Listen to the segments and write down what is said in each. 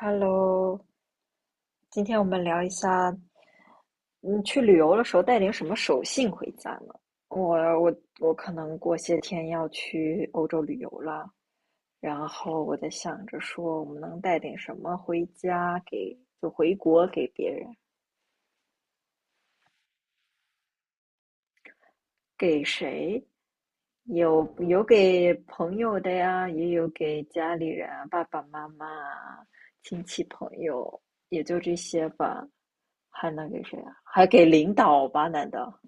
Hello，今天我们聊一下，嗯，去旅游的时候带点什么手信回家呢？我我我可能过些天要去欧洲旅游了，然后我在想着说，我们能带点什么回家给，就回国给别人。给谁？有给朋友的呀，也有给家里人啊爸爸妈妈啊亲戚朋友，也就这些吧。还能给谁啊？还给领导吧？难道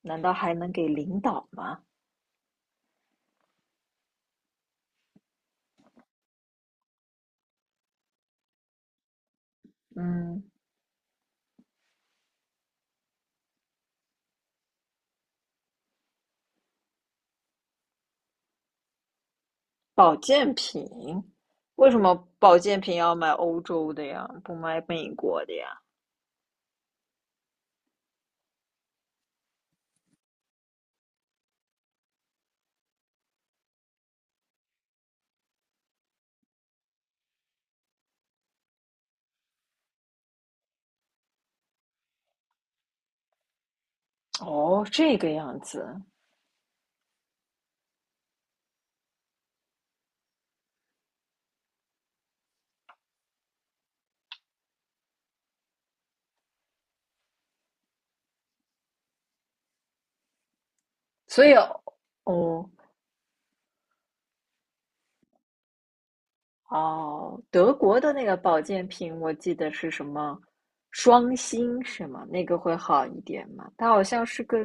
难道还能给领导吗？嗯，保健品，为什么保健品要买欧洲的呀？不买美国的呀？哦，这个样子，所以哦，哦，德国的那个保健品，我记得是什么双星是吗？那个会好一点吗？它好像是个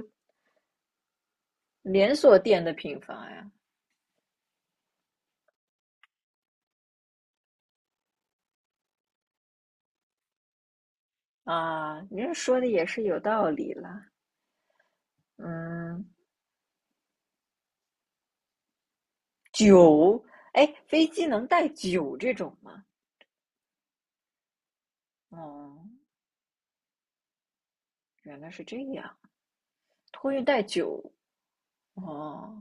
连锁店的品牌呀。啊，你这说的也是有道理啦。嗯，酒，哎，飞机能带酒这种吗？哦，原来是这样，托运带酒。哦，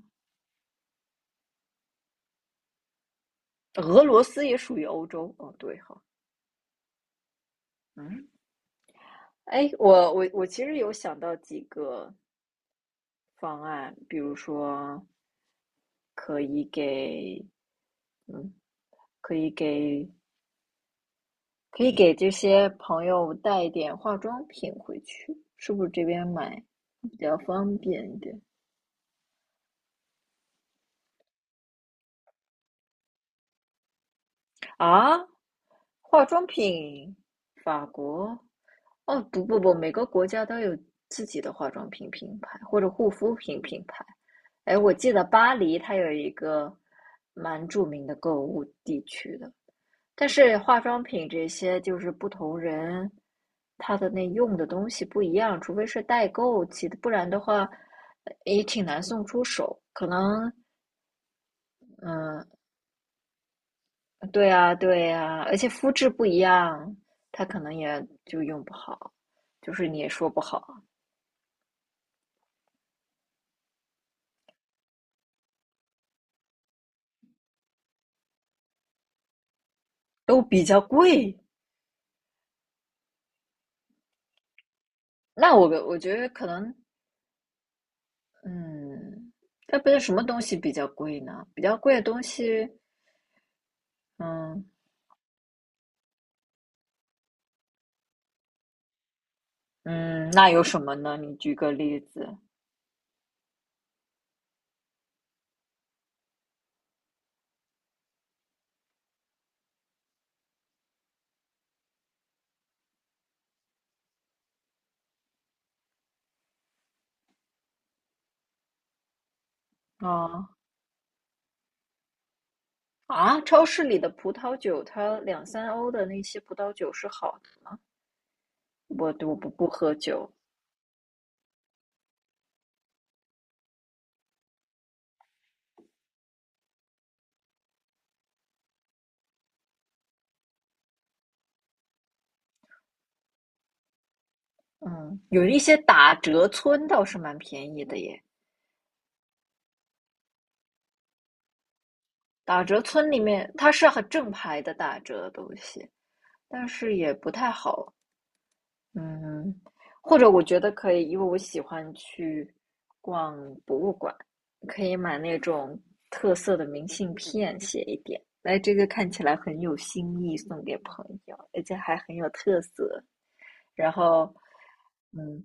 俄罗斯也属于欧洲。哦，对哈，嗯。哎，我其实有想到几个方案，比如说可以给，嗯，可以给，可以给这些朋友带一点化妆品回去，是不是这边买比较方便一点啊？化妆品，法国，哦，不，每个国家都有自己的化妆品品牌或者护肤品品牌。哎，我记得巴黎它有一个蛮著名的购物地区的，但是化妆品这些就是不同人，他的那用的东西不一样，除非是代购其的，不然的话也挺难送出手。可能，嗯，对啊，对啊，而且肤质不一样，他可能也就用不好，就是你也说不好，都比较贵。那我觉得可能，嗯，那不是什么东西比较贵呢？比较贵的东西，嗯嗯，那有什么呢？你举个例子啊。哦啊，超市里的葡萄酒，它两三欧的那些葡萄酒是好的吗？我不喝酒，嗯，有一些打折村倒是蛮便宜的耶。打折村里面它是很正牌的打折的东西，但是也不太好。嗯，或者我觉得可以，因为我喜欢去逛博物馆，可以买那种特色的明信片，写一点。来这个看起来很有新意，送给朋友，而且还很有特色。然后，嗯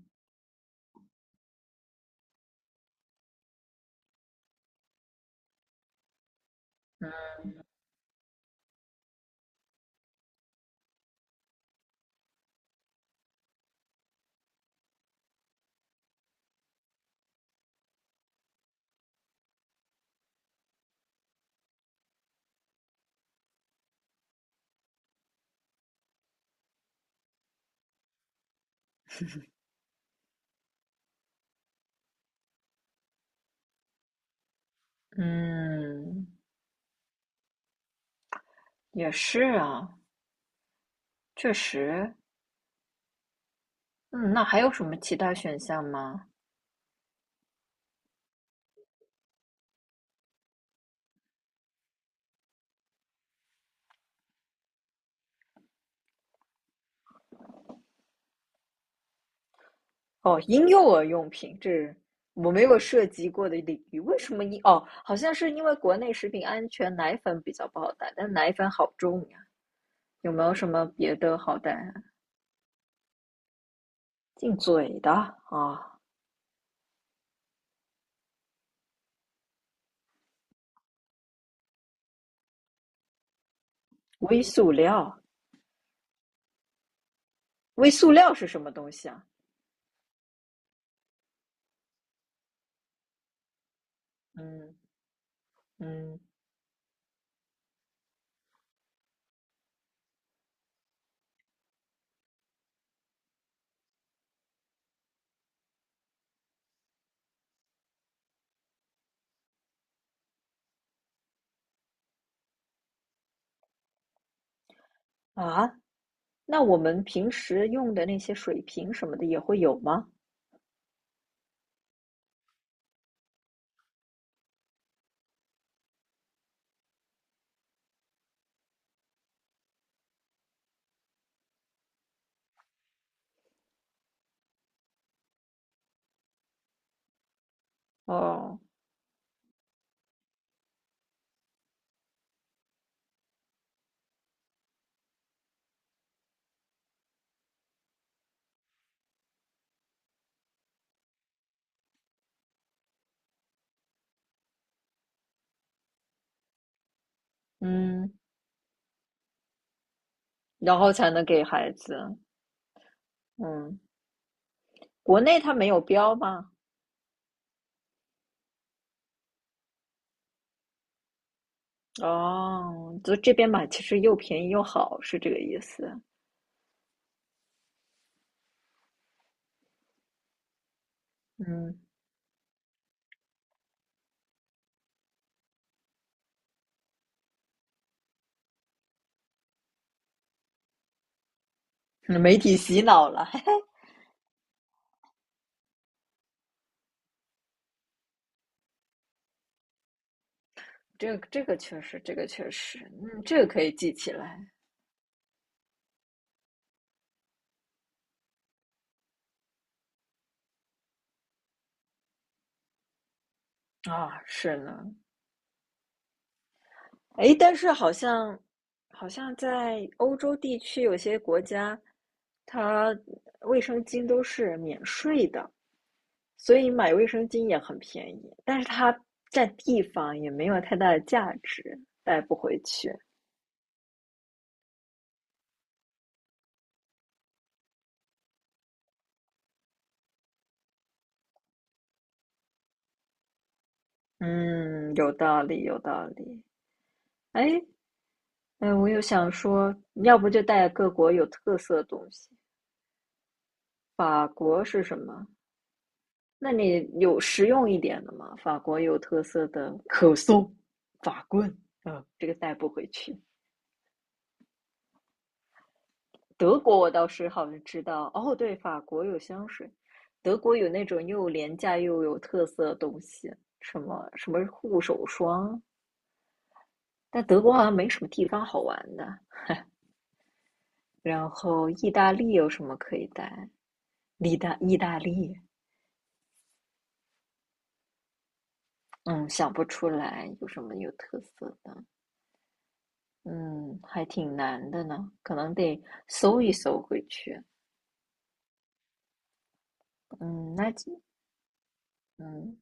嗯，嗯，也是啊，确实，嗯，那还有什么其他选项吗？哦，婴幼儿用品，这是我没有涉及过的领域。为什么婴？哦，好像是因为国内食品安全，奶粉比较不好带，但奶粉好重呀。有没有什么别的好带啊进嘴的啊，微塑料，微塑料是什么东西啊？嗯嗯啊，那我们平时用的那些水瓶什么的也会有吗？哦，嗯，然后才能给孩子。嗯，国内它没有标吗？哦，就这边买其实又便宜又好，是这个意思。嗯，媒体洗脑了，这个这个确实，这个确实，嗯，这个可以记起来啊。是呢，诶，但是好像在欧洲地区有些国家，它卫生巾都是免税的。所以买卫生巾也很便宜，但是它占地方也没有太大的价值，带不回去。嗯，有道理，有道理。哎，哎，我又想说，要不就带各国有特色的东西。法国是什么？那你有实用一点的吗？法国有特色的可颂、法棍，嗯，这个带不回去。德国我倒是好像知道，哦，对，法国有香水，德国有那种又廉价又有特色的东西，什么什么护手霜，但德国好像没什么地方好玩的。然后意大利有什么可以带？意大利，嗯，想不出来有什么有特色的，嗯，还挺难的呢，可能得搜一搜回去。嗯，那嗯，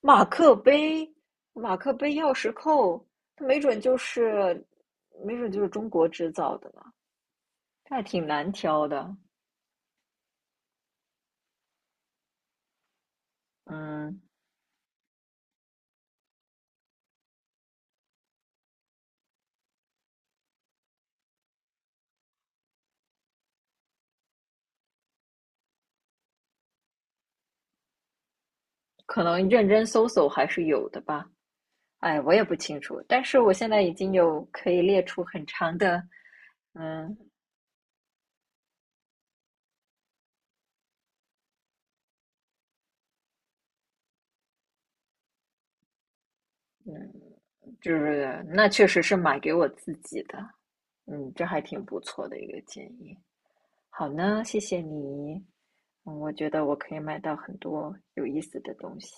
马克杯，马克杯钥匙扣，它没准就是，没准就是中国制造的呢，这还挺难挑的。嗯，可能认真搜搜还是有的吧。哎，我也不清楚，但是我现在已经有可以列出很长的，嗯嗯，就是那确实是买给我自己的。嗯，这还挺不错的一个建议。好呢，谢谢你。嗯，我觉得我可以买到很多有意思的东西。